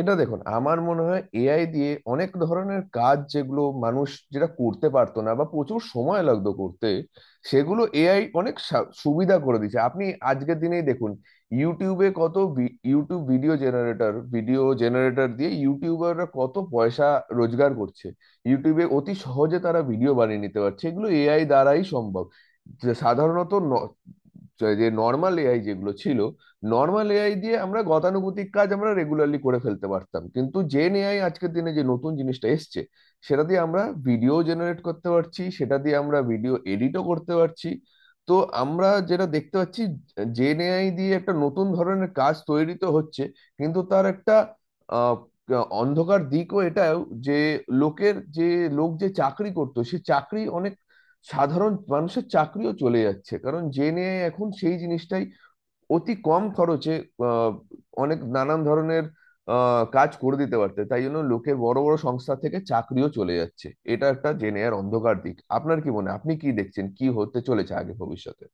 এটা দেখুন, আমার মনে হয় এআই দিয়ে অনেক ধরনের কাজ যেগুলো মানুষ যেটা করতে পারতো না বা প্রচুর সময় লাগতো করতে, সেগুলো এআই অনেক সুবিধা করে দিয়েছে। আপনি আজকের দিনেই দেখুন, ইউটিউবে কত ইউটিউব ভিডিও জেনারেটর দিয়ে ইউটিউবাররা কত পয়সা রোজগার করছে। ইউটিউবে অতি সহজে তারা ভিডিও বানিয়ে নিতে পারছে, এগুলো এআই দ্বারাই সম্ভব। যে সাধারণত ন- যে নর্মাল এআই যেগুলো ছিল, নর্মাল এআই দিয়ে আমরা গতানুগতিক কাজ আমরা রেগুলারলি করে ফেলতে পারতাম, কিন্তু জেন এআই আজকের দিনে যে নতুন জিনিসটা এসছে, সেটা দিয়ে আমরা ভিডিও জেনারেট করতে পারছি, সেটা দিয়ে আমরা ভিডিও এডিটও করতে পারছি। তো আমরা যেটা দেখতে পাচ্ছি, জেন এআই দিয়ে একটা নতুন ধরনের কাজ তৈরি তো হচ্ছে, কিন্তু তার একটা আহ, অন্ধকার দিকও এটাও, যে লোকের যে লোক যে চাকরি করতো সে চাকরি অনেক, সাধারণ মানুষের চাকরিও চলে যাচ্ছে, কারণ জেন এআই এখন সেই জিনিসটাই অতি কম খরচে, আহ, অনেক নানান ধরনের কাজ করে দিতে পারতে, তাই জন্য লোকে বড় বড় সংস্থা থেকে চাকরিও চলে যাচ্ছে। এটা একটা জেনে আর অন্ধকার দিক। আপনার কি মনে হয়? আপনি কি দেখছেন কি হতে চলেছে আগে ভবিষ্যতে?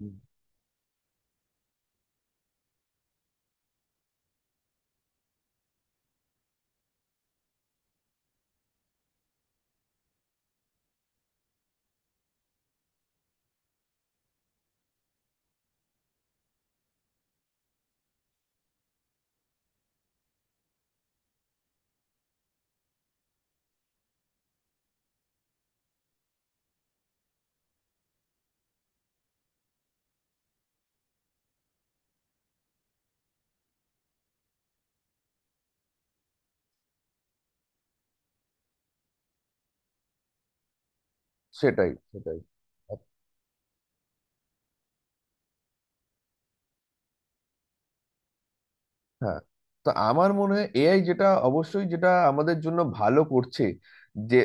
হুম। সেটাই, সেটাই। হ্যাঁ, তো আমার মনে হয় এআই যেটা অবশ্যই যেটা আমাদের জন্য ভালো করছে, যে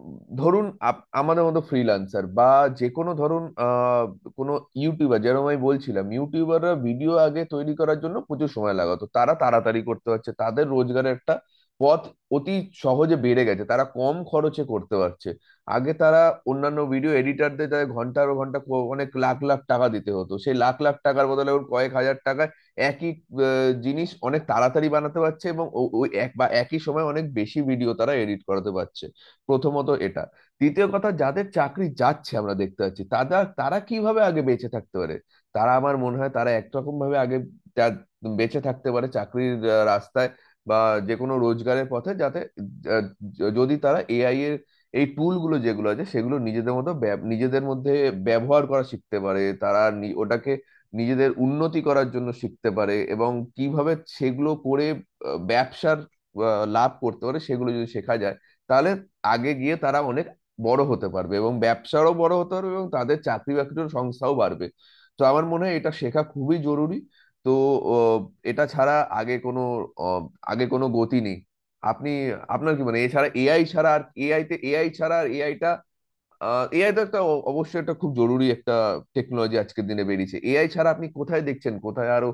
ধরুন আমাদের মতো ফ্রিল্যান্সার বা যে কোনো, ধরুন কোনো ইউটিউবার, যেরকম আমি বলছিলাম ইউটিউবাররা ভিডিও আগে তৈরি করার জন্য প্রচুর সময় লাগাতো, তারা তাড়াতাড়ি করতে পারছে, তাদের রোজগারের একটা পথ অতি সহজে বেড়ে গেছে, তারা কম খরচে করতে পারছে। আগে তারা অন্যান্য ভিডিও এডিটারদের তাদের ঘন্টার ঘন্টা অনেক লাখ লাখ টাকা দিতে হতো, সেই লাখ লাখ টাকার বদলে ওর কয়েক হাজার টাকা একই জিনিস অনেক তাড়াতাড়ি বানাতে পারছে, এবং ওই এক বা একই সময় অনেক বেশি ভিডিও তারা এডিট করাতে পারছে। প্রথমত এটা। দ্বিতীয় কথা, যাদের চাকরি যাচ্ছে আমরা দেখতে পাচ্ছি, তারা তারা কিভাবে আগে বেঁচে থাকতে পারে, তারা আমার মনে হয় তারা একরকম ভাবে আগে যা- বেঁচে থাকতে পারে চাকরির রাস্তায় বা যে কোনো রোজগারের পথে, যাতে আহ, যদি তারা এআই এর এই টুলগুলো যেগুলো আছে সেগুলো নিজেদের মতো নিজেদের মধ্যে ব্যবহার করা শিখতে পারে, তারা ওটাকে নিজেদের উন্নতি করার জন্য শিখতে পারে, এবং কিভাবে সেগুলো করে ব্যবসার লাভ করতে পারে সেগুলো যদি শেখা যায়, তাহলে আগে গিয়ে তারা অনেক বড় হতে পারবে এবং ব্যবসারও বড় হতে পারবে এবং তাদের চাকরি বাকরির সংস্থাও বাড়বে। তো আমার মনে হয় এটা শেখা খুবই জরুরি। তো আহ, এটা ছাড়া আগে কোনো, আহ, গতি নেই। আপনি আপনার কি মানে, এছাড়া এআই ছাড়া আর এআই তে এআই ছাড়া আর এআইটা, এআই তো একটা অবশ্যই একটা খুব জরুরি একটা টেকনোলজি আজকের দিনে বেরিয়েছে। এআই ছাড়া আপনি কোথায় দেখছেন, কোথায় আরো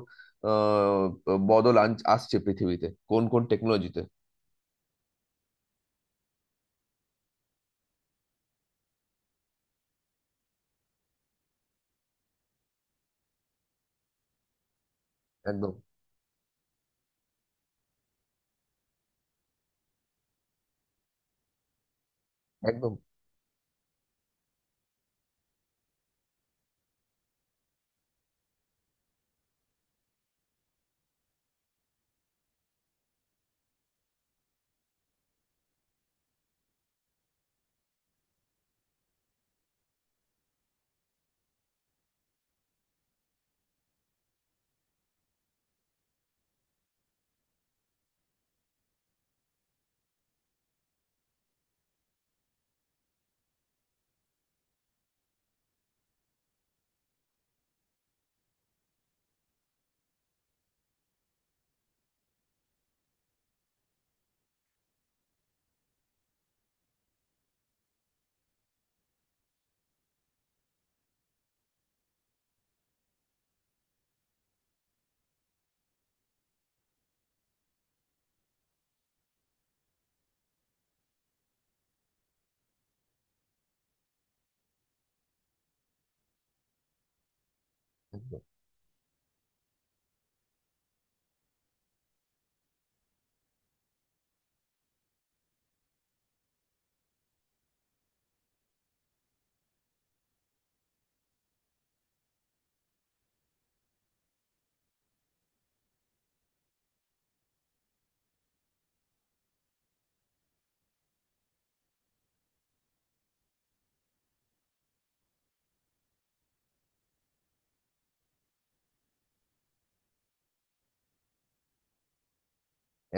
আহ, বদল আসছে পৃথিবীতে, কোন কোন টেকনোলজিতে? একদম, একদম, একদম,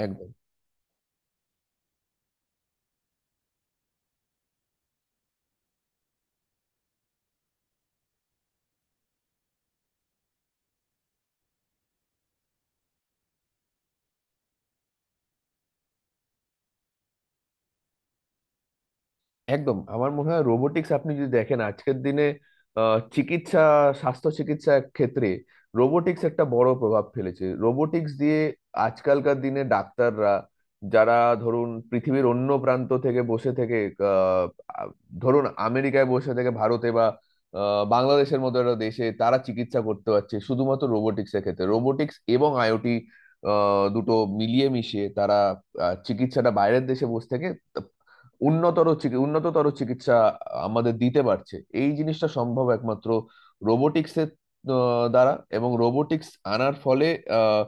একদম, একদম। আমার মনে হয় রোবোটিক্স, আপনি যদি দেখেন আজকের দিনে আহ, চিকিৎসা স্বাস্থ্য চিকিৎসা ক্ষেত্রে রোবোটিক্স একটা বড় প্রভাব ফেলেছে। রোবোটিক্স দিয়ে আজকালকার দিনে ডাক্তাররা যারা, ধরুন পৃথিবীর অন্য প্রান্ত থেকে বসে থেকে, আহ, আ- ধরুন আমেরিকায় বসে থেকে ভারতে বা বাংলাদেশের মতো একটা দেশে তারা চিকিৎসা করতে পারছে, শুধুমাত্র রোবোটিক্স এর ক্ষেত্রে। রোবোটিক্স এবং আইওটি দুটো মিলিয়ে মিশিয়ে তারা চিকিৎসাটা বাইরের দেশে বসে থেকে উন্নততর চিকিৎসা আমাদের দিতে পারছে। এই জিনিসটা সম্ভব একমাত্র রোবোটিক্সের দ্বারা। এবং রোবোটিক্স আনার ফলে আহ,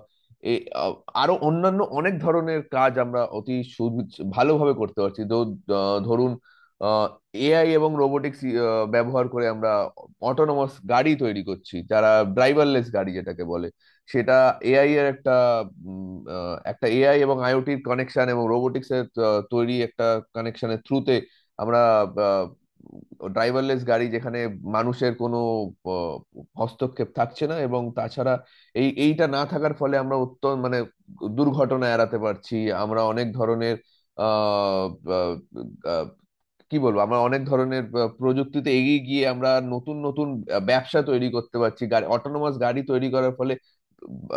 এ আ- আরো অন্যান্য অনেক ধরনের কাজ আমরা অতি ভালোভাবে করতে পারছি। তো ধরুন, এআই এবং রোবোটিক্স ব্যবহার করে আমরা অটোনোমাস গাড়ি তৈরি করছি, যারা ড্রাইভারলেস গাড়ি যেটাকে বলে, সেটা এআই এর একটা, একটা এআই এবং আইওটির কানেকশন এবং রোবোটিক্স এর তৈরি একটা কানেকশনের থ্রুতে আমরা ড্রাইভারলেস গাড়ি, যেখানে মানুষের কোনো আহ, হস্তক্ষেপ থাকছে না। এবং তাছাড়া এইটা না থাকার ফলে আমরা অত্যন্ত মানে দুর্ঘটনা এড়াতে পারছি। আমরা অনেক ধরনের আহ কি বলবো, আমরা অনেক ধরনের প্রযুক্তিতে এগিয়ে গিয়ে আমরা নতুন নতুন ব্যবসা তৈরি করতে পারছি। অটোনোমাস গাড়ি তৈরি করার ফলে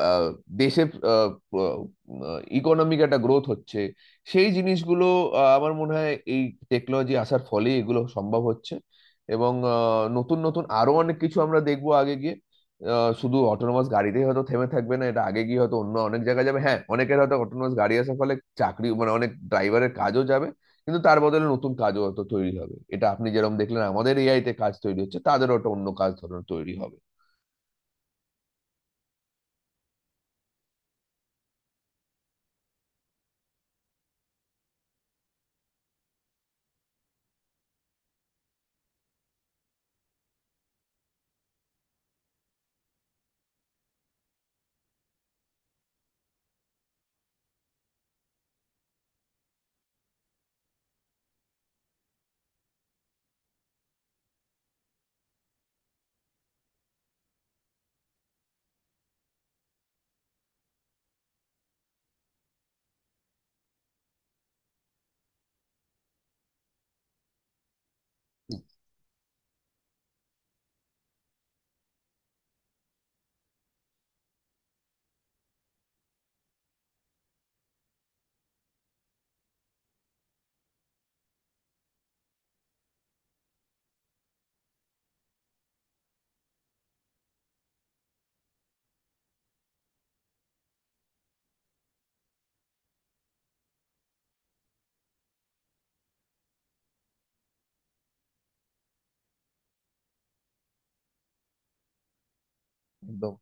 আহ, দেশের ইকোনমিক একটা গ্রোথ হচ্ছে। সেই জিনিসগুলো, আমার মনে হয় এই টেকনোলজি আসার ফলে এগুলো সম্ভব হচ্ছে। এবং নতুন নতুন আরো অনেক কিছু আমরা দেখবো আগে গিয়ে। শুধু অটোনোমাস গাড়িতেই হয়তো থেমে থাকবে না, এটা আগে গিয়ে হয়তো অন্য অনেক জায়গায় যাবে। হ্যাঁ, অনেকের হয়তো অটোনোমাস গাড়ি আসার ফলে চাকরি, মানে অনেক ড্রাইভারের কাজও যাবে, কিন্তু তার বদলে নতুন কাজও হয়তো তৈরি হবে। এটা আপনি যেরকম দেখলেন আমাদের এআই তে কাজ তৈরি হচ্ছে, তাদেরও একটা অন্য কাজ ধরনের তৈরি হবে। একদম।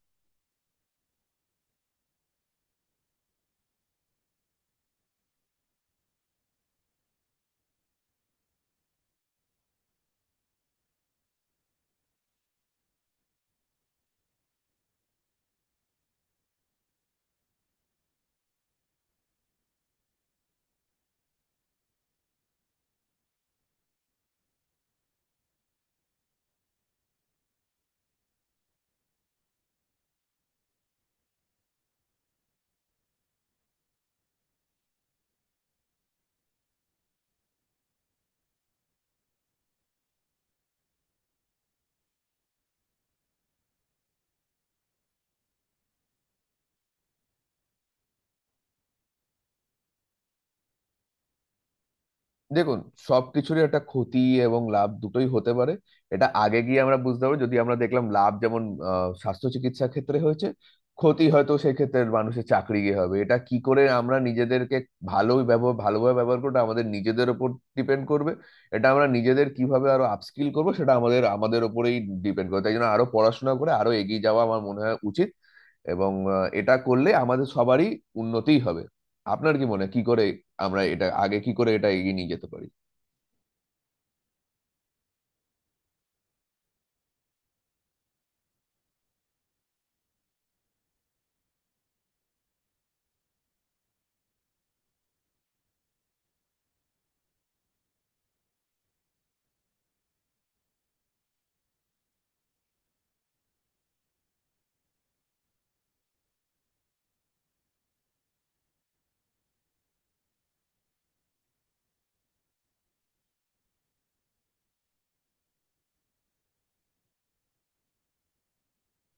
দেখুন, সবকিছুরই একটা ক্ষতি এবং লাভ দুটোই হতে পারে। এটা আগে গিয়ে আমরা বুঝতে পারবো। যদি আমরা দেখলাম লাভ যেমন স্বাস্থ্য চিকিৎসা ক্ষেত্রে হয়েছে, ক্ষতি হয়তো সেই ক্ষেত্রে মানুষের চাকরি গিয়ে হবে। এটা কি করে আমরা নিজেদেরকে ভালোভাবে ব্যবহার করবো, এটা আমাদের নিজেদের ওপর ডিপেন্ড করবে। এটা আমরা নিজেদের কিভাবে আরো আপস্কিল করবো, সেটা আমাদের আমাদের ওপরেই ডিপেন্ড করবে। তাই জন্য আরো পড়াশোনা করে আরো এগিয়ে যাওয়া আমার মনে হয় উচিত। এবং এটা করলে আমাদের সবারই উন্নতি হবে। আপনার কি মনে হয় কি করে আমরা এটা আগে, কি করে এটা এগিয়ে নিয়ে যেতে পারি?